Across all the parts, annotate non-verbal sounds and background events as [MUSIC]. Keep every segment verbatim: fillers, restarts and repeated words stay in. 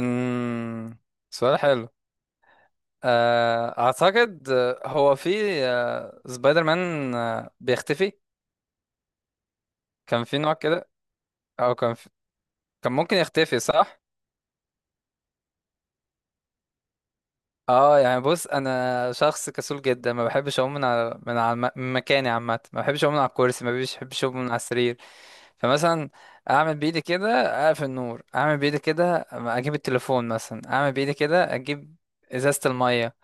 امم سؤال حلو. آه، اعتقد آه، هو في آه، سبايدر مان آه، بيختفي. كان في نوع كده، او كان في... كان ممكن يختفي، صح؟ اه، يعني بص، انا شخص كسول جدا، ما بحبش اقوم من على من على الم- من مكاني عامه. ما بحبش اقوم من على الكرسي، ما بحبش بحبش اقوم من على السرير. فمثلا اعمل بايدي كده اقفل النور، اعمل بايدي كده اجيب التليفون مثلا، اعمل بايدي كده اجيب ازازه الميه.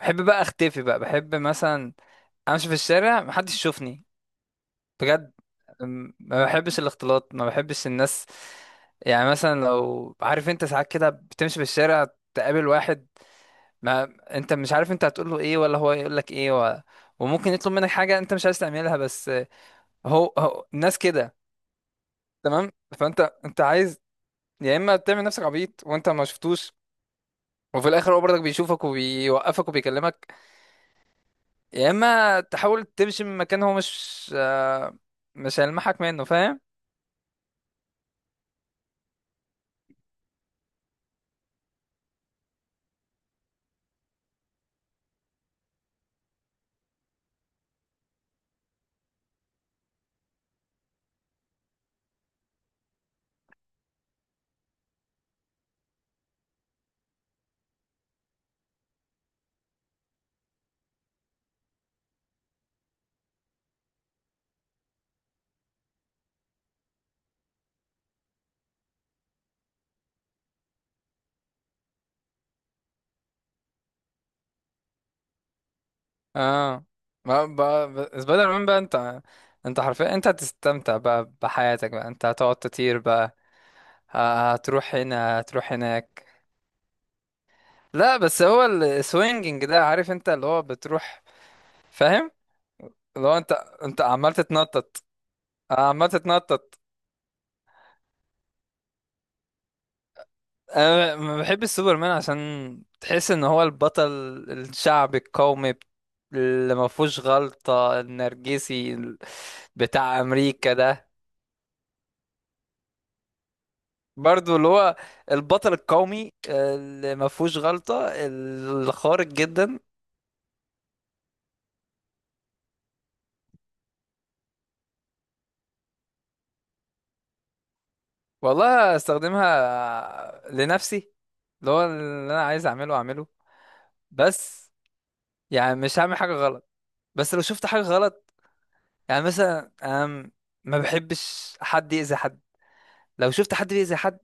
بحب بقى اختفي بقى، بحب مثلا امشي في الشارع محدش يشوفني، بجد. أم، ما بحبش الاختلاط، ما بحبش الناس. يعني مثلا، لو عارف انت، ساعات كده بتمشي في الشارع تقابل واحد، ما انت مش عارف انت هتقول له ايه ولا هو يقول لك ايه، و... وممكن يطلب منك حاجة انت مش عايز تعملها. بس هو, هو الناس كده، تمام. فانت انت عايز، يا اما تعمل نفسك عبيط وانت ما شفتوش وفي الاخر هو برضك بيشوفك وبيوقفك وبيكلمك، يا اما تحاول تمشي من مكان هو مش آه، مش هيلمحك منه، فاهم. اه، ما بقى سبايدر مان بقى انت، انت حرفيا انت هتستمتع بقى بحياتك بقى، انت هتقعد تطير بقى، ه- هتروح هنا هتروح هناك. لا، بس هو السوينجينج ده، عارف انت، اللي هو بتروح، فاهم. اللي هو انت، انت عمال تتنطط، عمال تتنطط. انا ما بحبش سوبرمان، عشان تحس ان هو البطل الشعبي القومي اللي ما فيهوش غلطة، النرجسي بتاع امريكا ده. برضو اللي هو البطل القومي اللي ما فيهوش غلطة، الخارق جدا. والله استخدمها لنفسي، اللي هو اللي انا عايز اعمله اعمله بس. يعني مش هعمل حاجة غلط، بس لو شفت حاجة غلط، يعني مثلا انا م- ما بحبش حد يأذي حد. لو شفت حد بيأذي حد،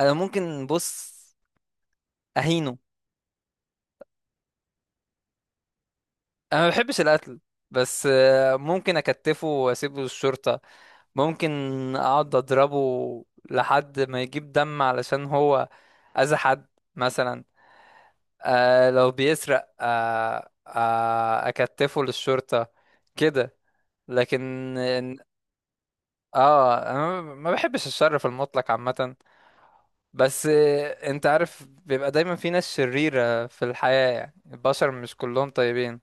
انا ممكن، بص، اهينه. انا ما بحبش القتل، بس آه، ممكن اكتفه واسيبه للشرطة. ممكن اقعد اضربه لحد ما يجيب دم، علشان هو اذى حد مثلا. آه لو بيسرق آه آه اكتفه للشرطة، كده. لكن إن- اه انا ما ما بحبش الشر في المطلق عامة، بس آه، انت عارف بيبقى دايما في ناس شريرة في الحياة، يعني البشر مش كلهم طيبين.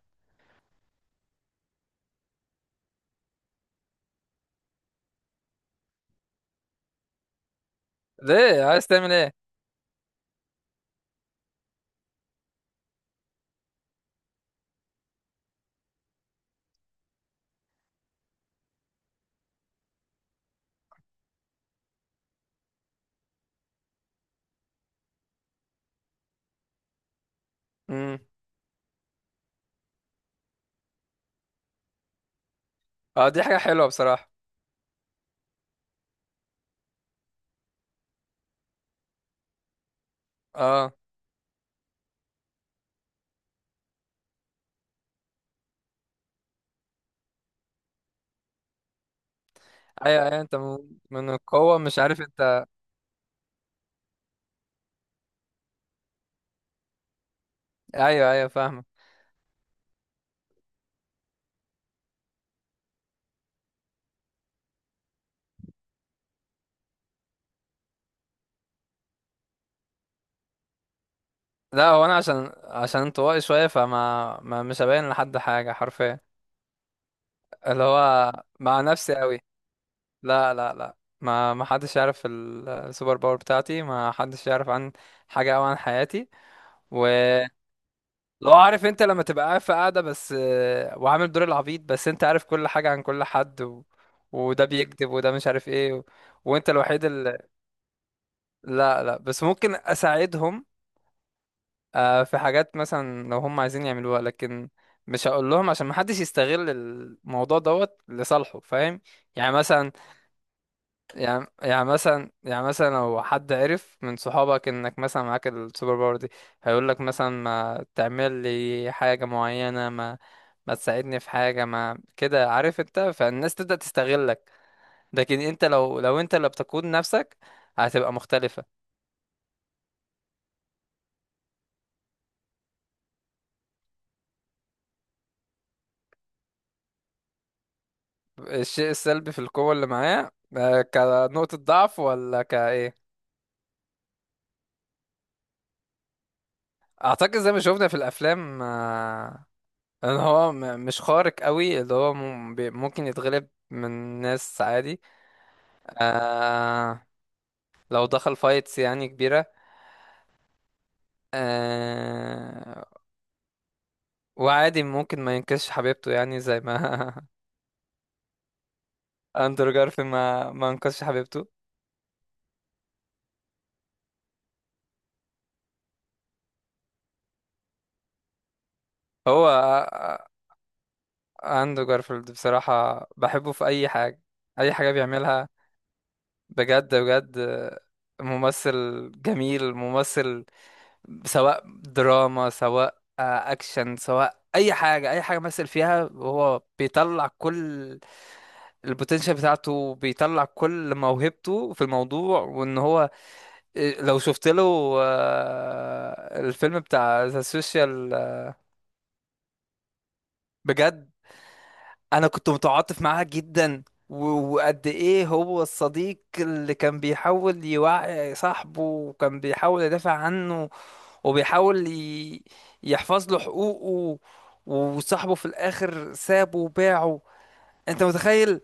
ليه عايز تعمل ايه؟ اه، دي حاجة حلوة بصراحة. اه ايوه ايوه، انت من من القوة مش عارف انت. ايوه ايوه فاهمة. لا هو انا، عشان عشان انطوائي شوية، فما ما مش هبين لحد حاجة حرفيا، اللي هو مع نفسي قوي. لا لا لا، ما ما حدش يعرف ال- السوبر باور بتاعتي، ما حدش يعرف عن حاجة او عن حياتي. ولو، عارف انت، لما تبقى قاعد في قاعدة بس آه، وعامل دور العبيط، بس انت عارف كل حاجة عن كل حد، و... وده بيكذب وده مش عارف ايه، و... وانت الوحيد. لا لا، بس ممكن اساعدهم. آه، في حاجات مثلا لو هم عايزين يعملوها، لكن مش هقول لهم عشان محدش يستغل الموضوع دوت لصالحه، فاهم. يعني مثلا، يعني يعني مثلا يعني مثلا لو حد عرف من صحابك انك مثلا معاك السوبر باور دي، هيقول لك مثلا ما تعمل لي حاجة معينة، ما ما تساعدني في حاجة، ما كده، عارف انت، فالناس تبدأ تستغلك. لكن انت، لو لو انت اللي بتقود نفسك، هتبقى مختلفة. الشيء السلبي في القوة اللي معاه، آه، كنقطة ضعف ولا كايه. اعتقد زي ما شفنا في الافلام، آه، ان هو م- مش خارق قوي، اللي هو مم- بي- ممكن يتغلب من ناس عادي. آه، لو دخل فايتس يعني كبيرة، آه، وعادي ممكن ما ينقذش حبيبته، يعني زي ما [LAUGHS] اندرو جارفيلد ما ما انقذش حبيبته. هو آه، آه، اندرو جارفيلد بصراحة بحبه في اي حاجة، اي حاجة بيعملها، بجد بجد. ممثل جميل، ممثل، سواء دراما، سواء آه، اكشن، سواء اي حاجه، اي حاجه مثل فيها هو بيطلع كل البوتنشال بتاعته، بيطلع كل موهبته في الموضوع. وان هو إيه، لو شفت له آه، الفيلم بتاع ذا سوشيال، بجد، انا كنت متعاطف معاه جدا. و- وقد ايه هو الصديق اللي كان بيحاول يوعي صاحبه، وكان بيحاول يدافع عنه، وبيحاول ي- يحفظ له حقوقه، وصاحبه في الاخر سابه وباعه، انت متخيل.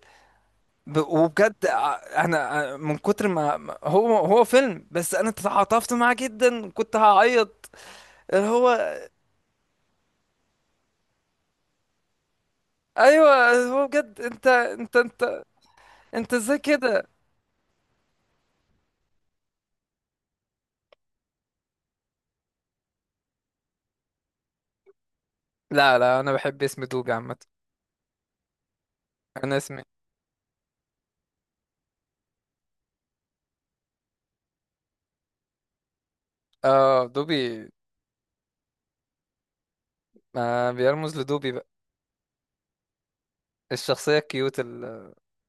ب- وبجد ع- انا ع- من كتر ما ما- هو، هو فيلم بس انا تعاطفت معاه جدا، كنت هعيط. اللي هو ايوه، هو بجد، انت انت انت انت ازاي كده. لا لا، انا بحب اسم دوج عامه. انا اسمي اه دوبي. ما بيرمز لدوبي بقى، الشخصية الكيوت ال-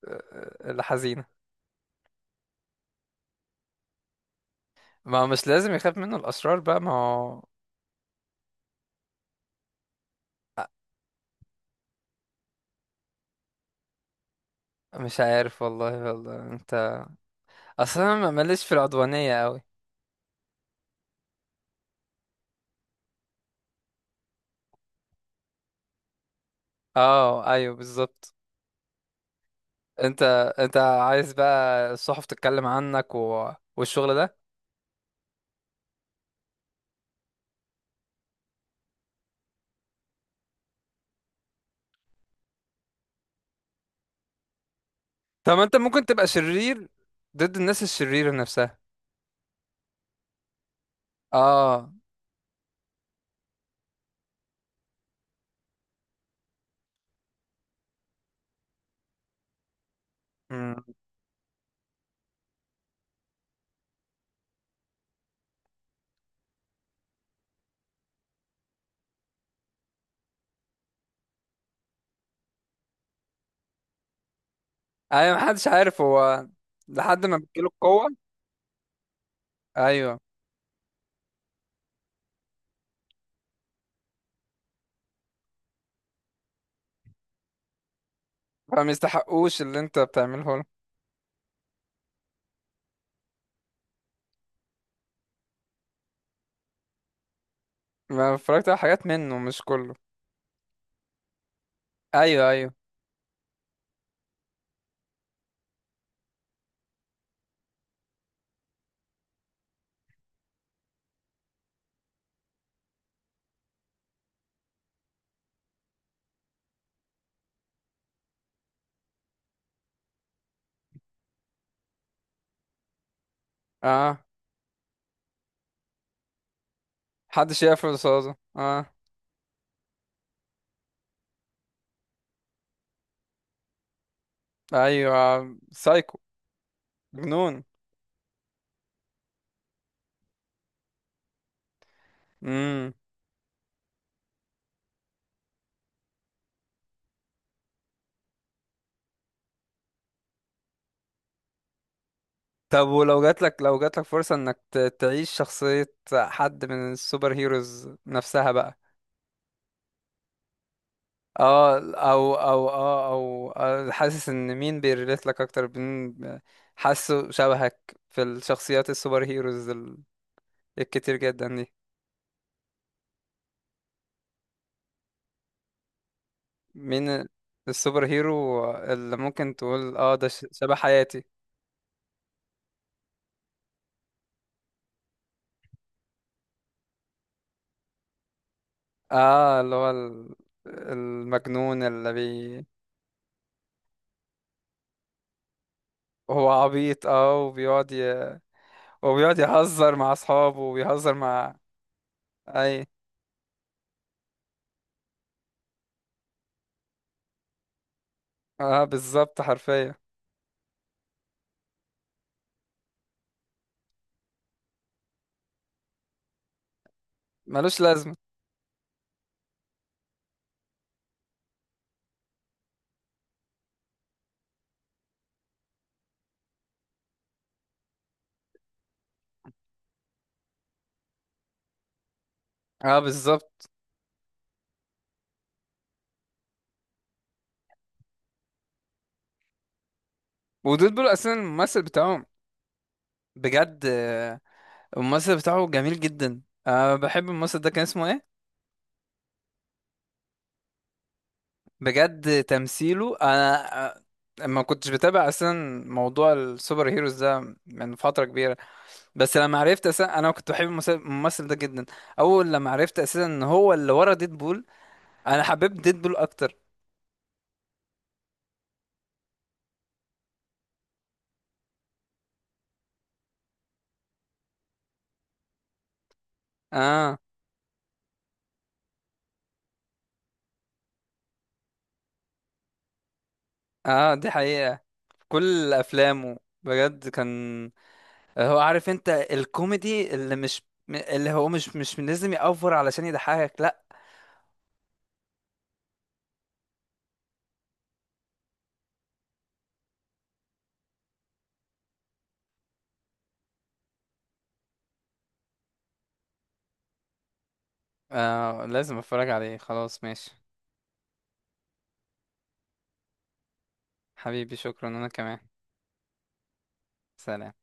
آه، الحزينة. ما مش لازم يخاف منه الأشرار بقى، ما هو. آه، مش عارف والله، والله انت، اصلا أنا ماليش في العدوانية قوي. اه ايوه بالظبط. انت انت عايز بقى الصحف تتكلم عنك و... والشغل ده. طب ما انت ممكن تبقى شرير ضد الناس الشريرة نفسها. اه. امم. ايوه، محدش عارف هو، لحد ما بتجيله القوة. ايوه، فما يستحقوش اللي انت بتعمله له. ما اتفرجت على حاجات منه، مش كله. ايوه ايوه. اه، حد شاف رصاصة، اه. ايوه، سايكو. جنون. امم. طب ولو جاتلك، لو جاتلك فرصة انك ت- تعيش شخصية حد من السوبر هيروز نفسها بقى. اه، او او اه او آه، حاسس ان مين بيريليت لك اكتر؟ مين حاسه شبهك في الشخصيات السوبر هيروز ال- الكتير جدا دي؟ مين السوبر هيرو اللي ممكن تقول اه ده ش- شبه حياتي؟ اه، اللي هو ال- المجنون اللي بي. هو عبيط، اه، وبيقعد ي... وبيقعد يهزر مع اصحابه، وبيهزر مع. اي. اه بالظبط، حرفيا. ملوش لازمة. اه بالظبط. ودول بول اساسا الممثل بتاعهم، بجد. آه، الممثل بتاعه جميل جدا. آه بحب الممثل ده، كان اسمه ايه؟ بجد تمثيله. انا ما كنتش بتابع اصلا موضوع السوبر هيروز ده من فتره كبيره، بس لما عرفت اساسا انا كنت بحب المس- الممثل ده جدا. اول لما عرفت اساسا ان هو اللي ورا ديدبول، انا حبيت ديدبول اكتر. اه. اه، دي حقيقه، في كل افلامه، بجد. كان هو، عارف انت، الكوميدي اللي مش اللي هو مش مش لازم يأفور علشان يضحكك، لا. آه لازم اتفرج عليه، خلاص ماشي. حبيبي شكرا، انا كمان. سلام.